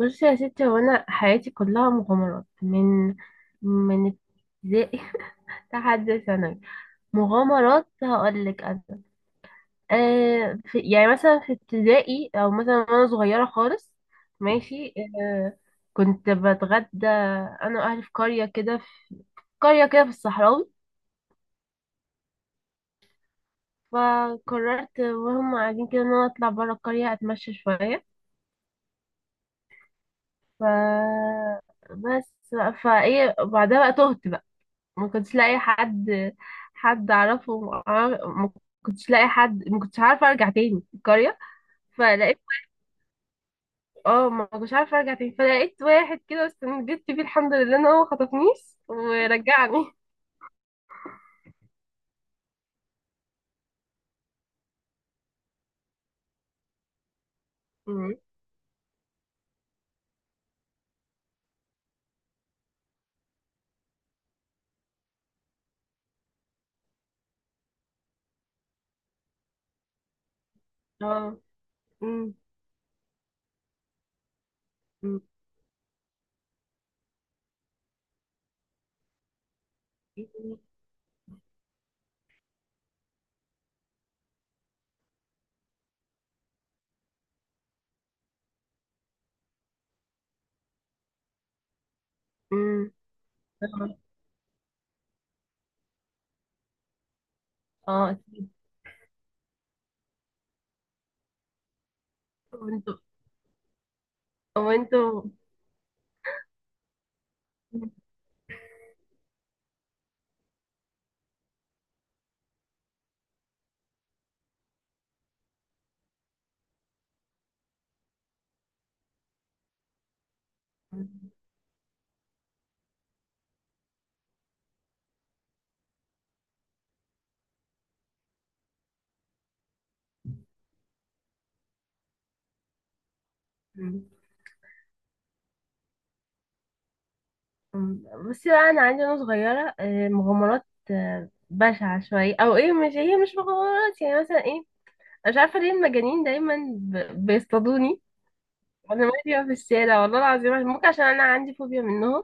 بصي يا ستي، هو انا حياتي كلها مغامرات من ابتدائي لحد ثانوي. مغامرات هقول لك انا. آه في يعني مثلا في ابتدائي او مثلا وانا صغيره خالص، ماشي. آه، كنت بتغدى انا واهلي في قريه كده في الصحراوي فقررت وهم قاعدين كده ان انا اطلع بره القريه اتمشى شويه. ف بس بقى- فايه بعدها بقى، تهت بقى. ما كنتش لاقي حد، حد اعرفه ما ما كنتش لاقي حد، ما كنتش عارفه ارجع تاني القريه. فلقيت اه ما كنتش عارفه ارجع تاني، فلقيت واحد كده استنجدت فيه، الحمد لله ان هو خطفنيش ورجعني. مم. اه. مم. مم. مم. اه. آه، اكيد. وانتوا، وانتوا مم. مم. بصي بقى، انا عندي وانا صغيره آه، مغامرات آه، بشعه شويه او ايه. مش هي مش مغامرات، يعني مثلا ايه. مش عارفه ليه المجانين دايما بيصطادوني وانا ماشيه في الشارع، والله العظيم. ممكن عشان انا عندي فوبيا منهم.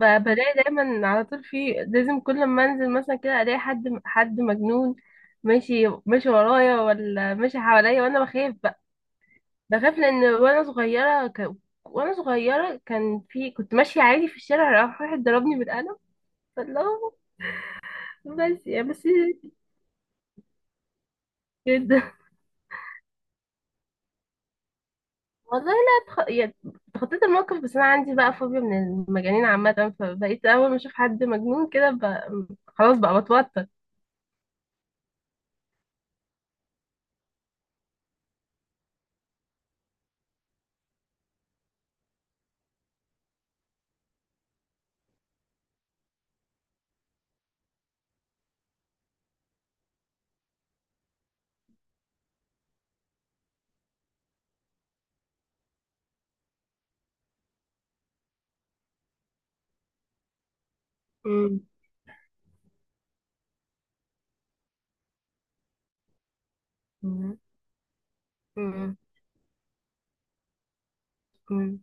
فبلاقي دايما على طول، في لازم كل ما انزل مثلا كده الاقي حد مجنون ماشي ماشي ورايا، ولا ماشي حواليا، وانا بخاف بقى. بخاف لان وانا صغيره وانا صغيره كان في، كنت ماشيه عادي في الشارع، راح واحد ضربني بالقلم. فالله. بس كده. والله لا تخ... يا- تخطيت الموقف، بس انا عندي بقى فوبيا من المجانين عامه، فبقيت اول ما اشوف حد مجنون كده خلاص بقى بتوتر. مم. مم. مم. مم.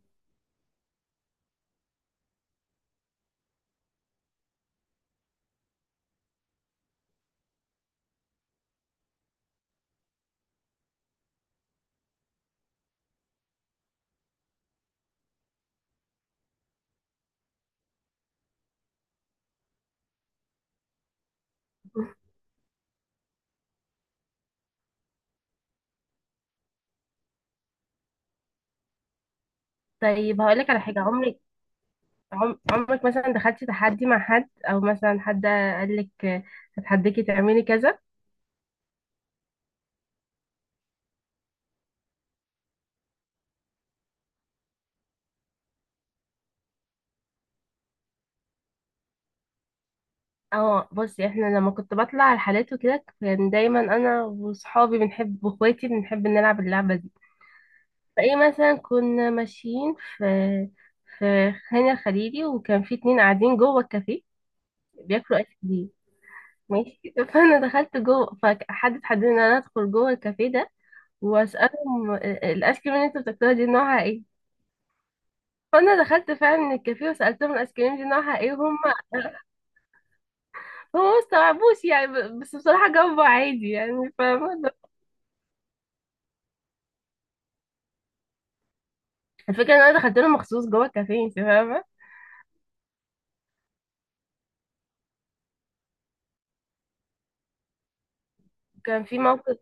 طيب هقولك على حاجه. عمرك، عمرك مثلا دخلتي تحدي مع حد، او مثلا حد قالك هتحديكي تعملي كذا؟ اه بصي، احنا لما كنت بطلع على الحالات وكده، كان دايما انا وصحابي بنحب واخواتي بنحب نلعب اللعبه دي. فايه مثلا، كنا ماشيين في خان الخليلي وكان في اتنين قاعدين جوه الكافيه بياكلوا ايس كريم، ماشي. فانا دخلت جوه، فحد اتحدى ان انا ادخل جوه الكافيه ده واسالهم الايس كريم اللي انتوا بتاكلوها دي نوعها ايه. فانا دخلت فعلا الكافيه وسالتهم الايس كريم دي نوعها ايه، وهم ما استوعبوش يعني، بس بصراحه جاوبوا عادي يعني، فاهمه. الفكره ان انا دخلت لهم مخصوص جوه الكافيه، انت فاهمه. كان في موقف.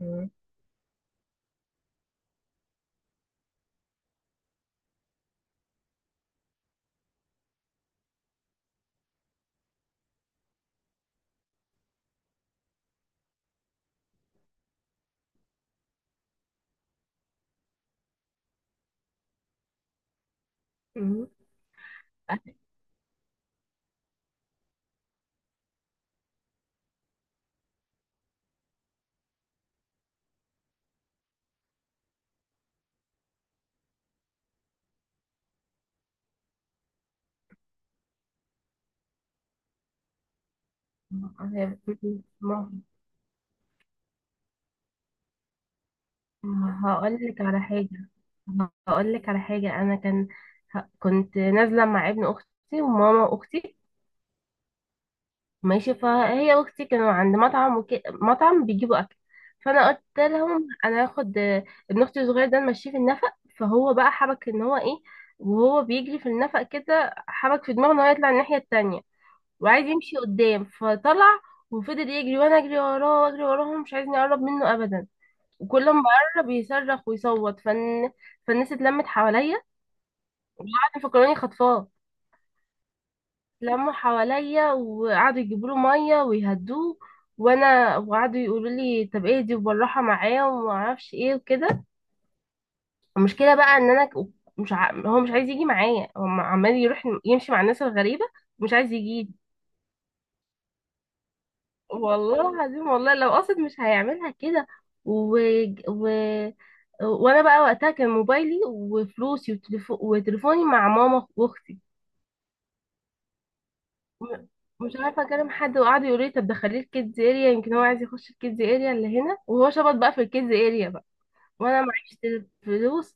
مم. مم. ما هقول لك على حاجة. هقول لك على حاجة، أنا كان كنت نازلة مع ابن أختي وماما أختي، ماشي. فهي وأختي كانوا عند مطعم مطعم بيجيبوا أكل، فأنا قلت لهم أنا هاخد آه، ابن أختي الصغير ده نمشيه في النفق. فهو بقى حبك إن هو إيه، وهو بيجري في النفق كده حبك في دماغه إن هو يطلع الناحية التانية وعايز يمشي قدام، فطلع وفضل يجري وأنا أجري وراه وأجري وراه، ومش عايزني أقرب منه أبدا. وكل ما قرب يصرخ ويصوت، فالناس اتلمت حواليا، قعدوا يفكروني خطفاه. لموا حواليا وقعدوا يجيبوا له ميه ويهدوه، وانا وقعدوا يقولوا لي طب ايه دي، وبالراحه معاه وما اعرفش ايه وكده. المشكله بقى ان انا ك- مش ع... هو مش عايز يجي معايا، هو عمال يروح يمشي مع الناس الغريبه، مش عايز يجي. والله العظيم، والله لو قصد مش هيعملها كده. و... و... وانا بقى وقتها كان موبايلي وفلوسي وتليفوني مع ماما واختي. م- مش عارفه اكلم حد، وقعد يقول لي طب دخليه الكيدز اريا، يمكن هو عايز يخش الكيدز اريا اللي هنا، وهو شبط بقى في الكيدز اريا بقى، وانا معيش فلوس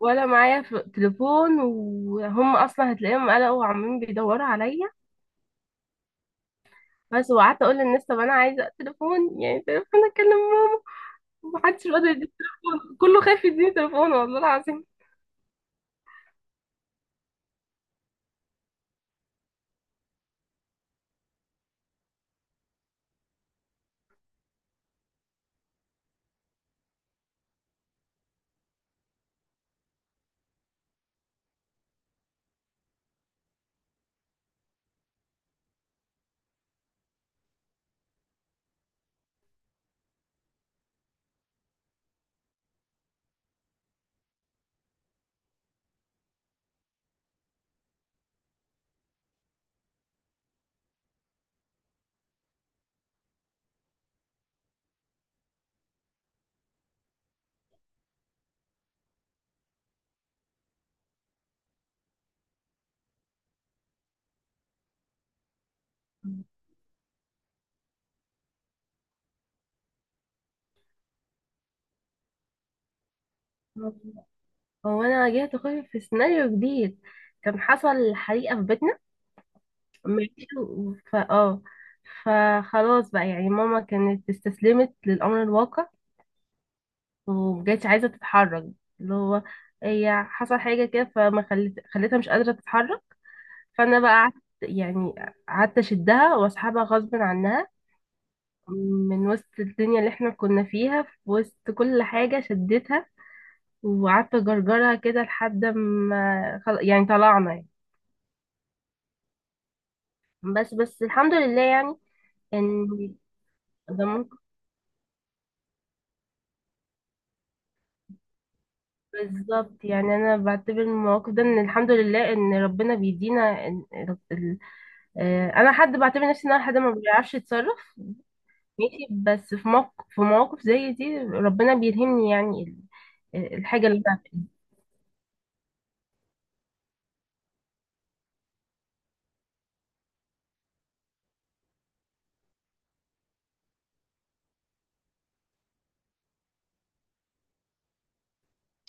ولا معايا تليفون، وهم اصلا هتلاقيهم قلقوا وعمالين بيدوروا عليا. بس وقعدت اقول للناس طب انا عايزه تليفون، يعني تليفون اكلم ماما. محدش راضي يديني تليفون، كله خايف يديني تليفون، والله العظيم. هو انا واجهت خوفي في سيناريو جديد. كان حصل حريقة في بيتنا، ماشي. ف اه فخلاص بقى يعني، ماما كانت استسلمت للأمر الواقع ومبقتش عايزة تتحرك. اللي هو، هي حصل حاجة كده، فما خلت خلتها مش قادرة تتحرك. فأنا بقى قعدت يعني، قعدت أشدها وأسحبها غصب عنها من وسط الدنيا اللي احنا كنا فيها، في وسط كل حاجة شدتها وقعدت اجرجرها كده لحد ما يعني طلعنا يعني. بس بس الحمد لله يعني. ان ده ممكن. بالظبط، يعني انا بعتبر من المواقف ده ان الحمد لله ان ربنا بيدينا آه، انا حد بعتبر نفسي ان انا حد ما بيعرفش يتصرف، ماشي. بس في موقف، في مواقف زي دي ربنا بيلهمني، يعني آه، الحاجة اللي انا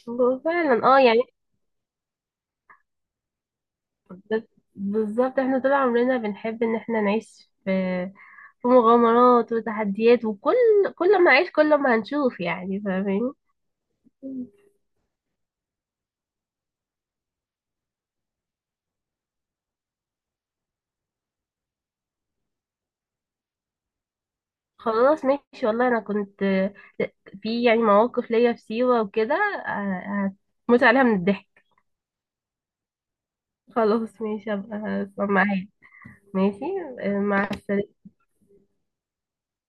بعملها. فعلا اه يعني. بس- بالظبط، احنا طول عمرنا بنحب ان احنا نعيش في في مغامرات وتحديات، وكل كل ما أعيش كل ما هنشوف، يعني فاهمين. خلاص ماشي. والله أنا كنت في يعني مواقف ليا في سيوة وكده آه، هتموت عليها من الضحك. خلاص ماشي، أبقى أسمع معاك. ماشي. آه، مع السلامة.